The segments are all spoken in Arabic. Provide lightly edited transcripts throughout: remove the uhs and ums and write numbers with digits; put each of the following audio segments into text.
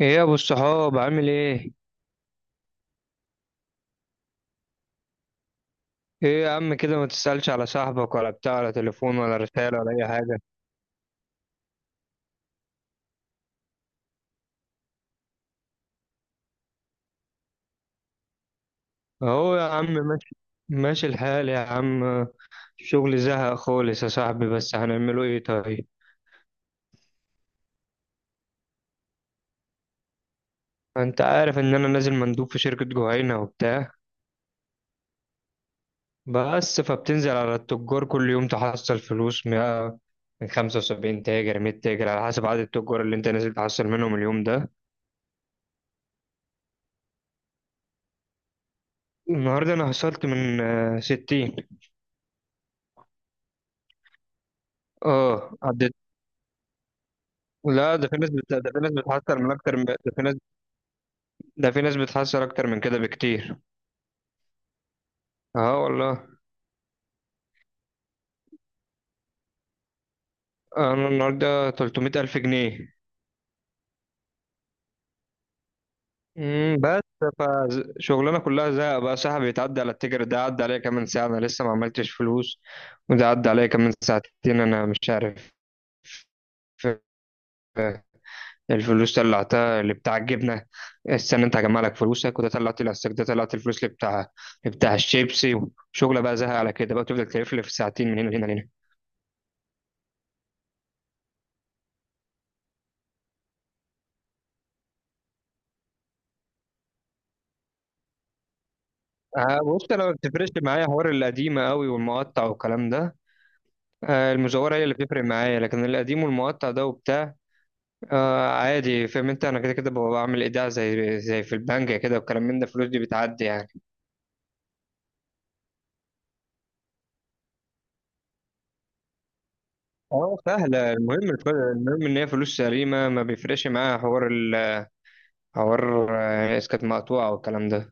ايه يا ابو الصحاب عامل ايه؟ ايه يا عم، كده ما تسألش على صاحبك ولا بتاع، ولا تليفون ولا رسالة ولا اي حاجة؟ اهو يا عم ماشي. ماشي الحال يا عم. الشغل زهق خالص يا صاحبي، بس هنعمله ايه طيب. انت عارف ان انا نازل مندوب في شركة جهينة وبتاع، بس فبتنزل على التجار كل يوم تحصل فلوس من 75 تاجر 100 تاجر على حسب عدد التجار اللي انت نازل تحصل منهم اليوم ده. النهارده انا حصلت من 60. اه. لا ده في ناس بت... ده في ناس بتحسر من اكتر من... ده في ناس، ده في ناس بتحسر اكتر من كده بكتير. اه والله. انا النهارده 300 الف جنيه. بس، فشغلنا كلها زهق بقى صاحبي. يتعدى على التيجر ده عدى عليا كمان ساعه انا لسه ما عملتش فلوس، وده عدى عليا كمان ساعتين انا مش عارف. آه، الفلوس طلعتها اللي بتاع الجبنه. استنى انت هجمع لك فلوسك، وده طلعت الاستك، ده طلعت الفلوس اللي بتاع الشيبسي. وشغله بقى زهق على كده، بقى تفضل تلف في ساعتين من هنا لهنا. بص انا ما بتفرقش معايا حوار القديمه قوي والمقطع والكلام ده. المزوره هي اللي بتفرق معايا، لكن القديم والمقطع ده وبتاع. آه عادي، فاهم انت، انا كده كده ببقى بعمل ايداع زي في البنك كده والكلام من ده، الفلوس دي بتعدي يعني. اه سهله، المهم المهم ان هي فلوس سليمه، ما بيفرقش معايا حوار ال حوار اسكت، مقطوعه والكلام ده.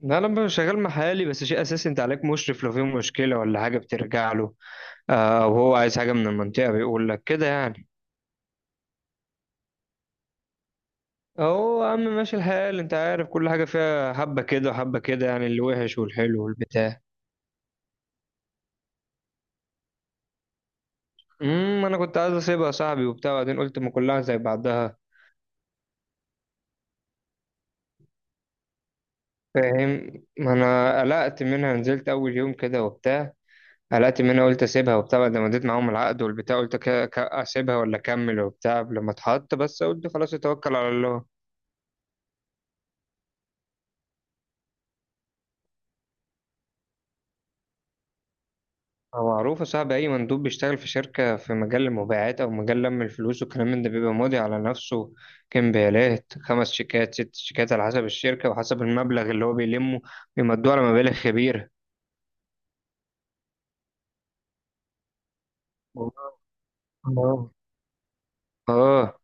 ده انا لما شغال محلي بس شيء اساسي انت عليك مشرف، لو في مشكله ولا حاجه بترجع له. وهو عايز حاجه من المنطقه بيقول لك كده يعني. اهو يا عم ماشي الحال، انت عارف كل حاجة فيها حبة كده وحبة كده، يعني اللي وحش والحلو والبتاع. انا كنت عايز اسيبها يا صاحبي وبتاع، وبعدين قلت ما كلها زي بعضها. فاهم، ما انا قلقت منها، نزلت اول يوم كده وبتاع. قلقت منها قلت اسيبها وبتاع، بعد ما اديت معاهم العقد والبتاع قلت اسيبها ولا اكمل وبتاع، لما اتحط بس قلت خلاص اتوكل على الله. هو معروف يا صاحبي، أي مندوب بيشتغل في شركة في مجال المبيعات أو مجال لم الفلوس والكلام من ده بيبقى ماضي على نفسه كمبيالات، 5 شيكات 6 شيكات على حسب الشركة وحسب المبلغ اللي هو بيلمه، بيمدوه على مبالغ كبيرة. اه. آه.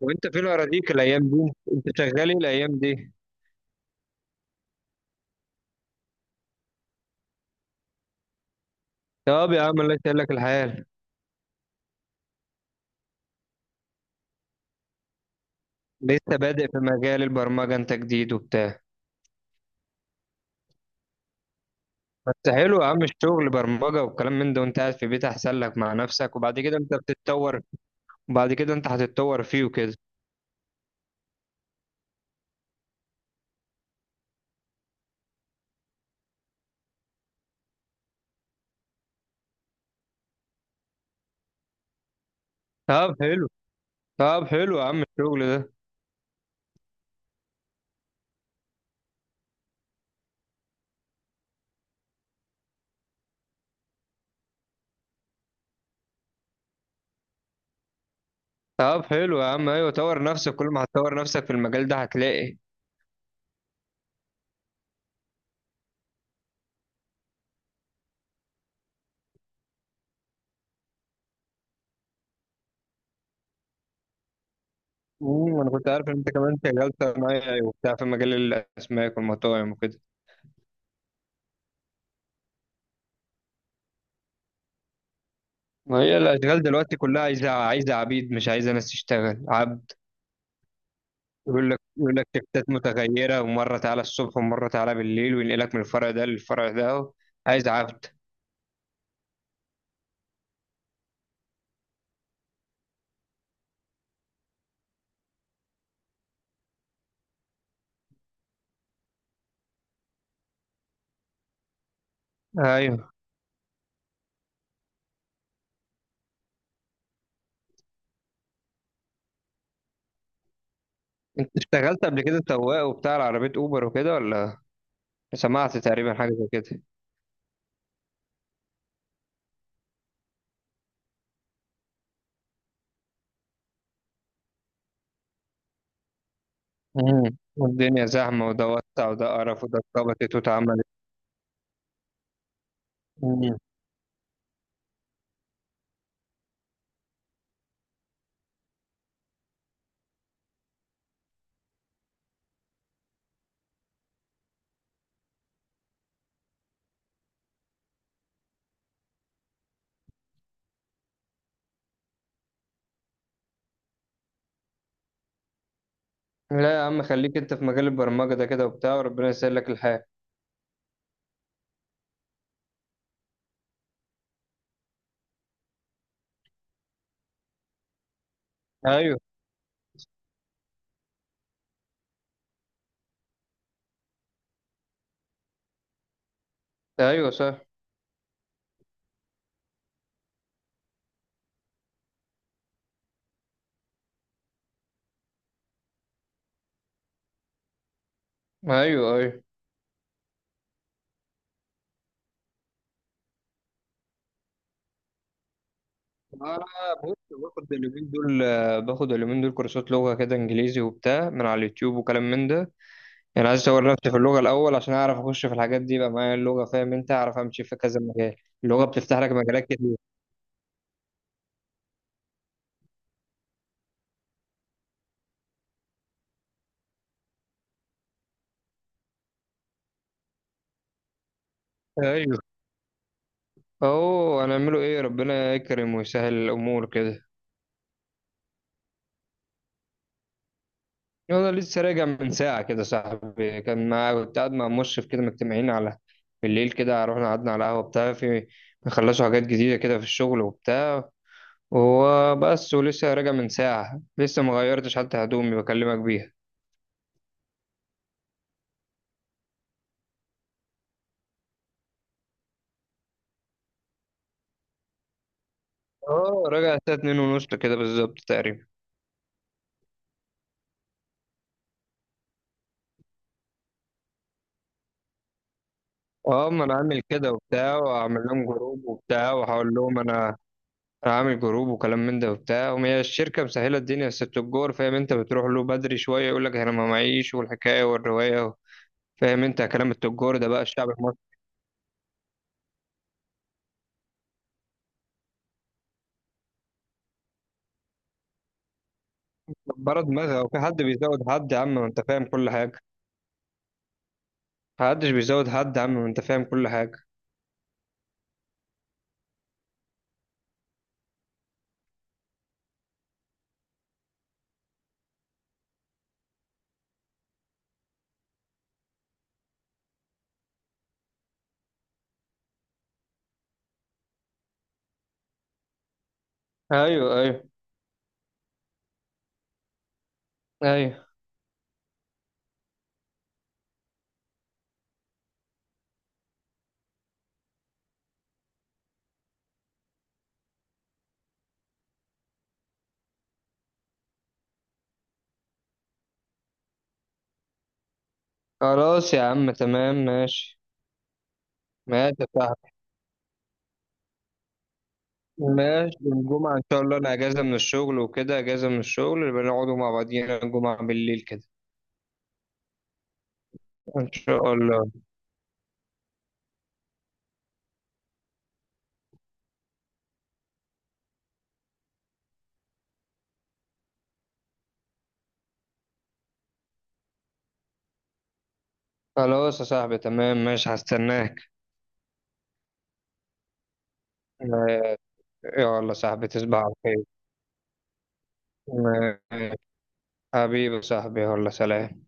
وأنت فين أراضيك الأيام دي؟ أنت شغال إيه الأيام دي؟ طب يا عم الله يسهل لك الحال. لسه بادئ في مجال البرمجة، أنت جديد وبتاع. بس حلو يا عم الشغل برمجة والكلام من ده، وأنت قاعد في بيت أحسن لك مع نفسك، وبعد كده أنت بتتطور. بعد كده انت هتتطور فيه وكده. طب حلو طب حلو يا عم الشغل ده. طب حلو يا عم، ايوه طور نفسك، كل ما هتطور نفسك في المجال ده هتلاقي. انا كنت عارف ان انت كمان شغال صنايعي وبتاع في مجال الاسماك والمطاعم وكده. ما هي الاشغال دلوقتي كلها عايزه عبيد، مش عايزه ناس تشتغل عبد. يقول لك شفتات متغيره، ومره تعالى الصبح ومره تعالى بالليل، وينقلك من الفرع ده للفرع ده. عايز عبد. ايوه. انت اشتغلت قبل كده سواق وبتاع عربيه اوبر وكده، ولا سمعت تقريبا حاجة زي كده؟ مم. والدنيا زحمة وده وسع وده قرف وده اتربطت واتعملت. مم. لا يا عم، خليك انت في مجال البرمجة ده كده وبتاع وربنا يسهل لك الحال. ايوه، ايوه صح، ايوه ايوه. انا بص، باخد اليومين دول باخد اليومين دول كورسات لغة كده انجليزي وبتاع من على اليوتيوب وكلام من ده. يعني عايز اطور نفسي في اللغة الاول عشان اعرف اخش في الحاجات دي، يبقى معايا اللغة، فاهم انت، اعرف امشي في كذا مجال. اللغة بتفتح لك مجالات كتير. ايوه. اهو هنعمله ايه، ربنا يكرم ويسهل الامور كده. انا لسه راجع من ساعه كده صاحبي، كان مع كنت قاعد مع مشرف كده مجتمعين على بالليل كده، رحنا قعدنا على قهوه بتاع في، بيخلصوا حاجات جديده كده في الشغل وبتاع. وهو بس، ولسه راجع من ساعه، لسه ما غيرتش حتى هدومي بكلمك بيها. اه راجع الساعه 2:30 كده بالظبط تقريبا. اه ما انا عامل كده وبتاع، واعمل لهم جروب وبتاع واقول لهم انا عامل جروب وكلام من ده وبتاع، وهي الشركة مسهلة الدنيا، بس التجار فاهم انت، بتروح له بدري شوية يقول لك انا ما معيش والحكاية والرواية. فاهم انت كلام التجار ده بقى الشعب المصري، برا دماغها. وفي حد بيزود حد يا عم، ما انت فاهم كل حاجة. محدش بيزود حد يا عم، ما انت فاهم كل حاجة. ايوه ايوه، ايوه. خلاص يا عم تمام ماشي. ماشي يا صاحبي. ماشي الجمعة إن شاء الله، أنا أجازة من الشغل وكده، أجازة من الشغل، يبقى نقعدوا مع بعضينا الجمعة بالليل كده. إن شاء الله. خلاص يا صاحبي تمام ماشي، هستناك. آه، يلا يا صاحبي تصبح على خير. آه، حبيبي يا صاحبي يلا سلام.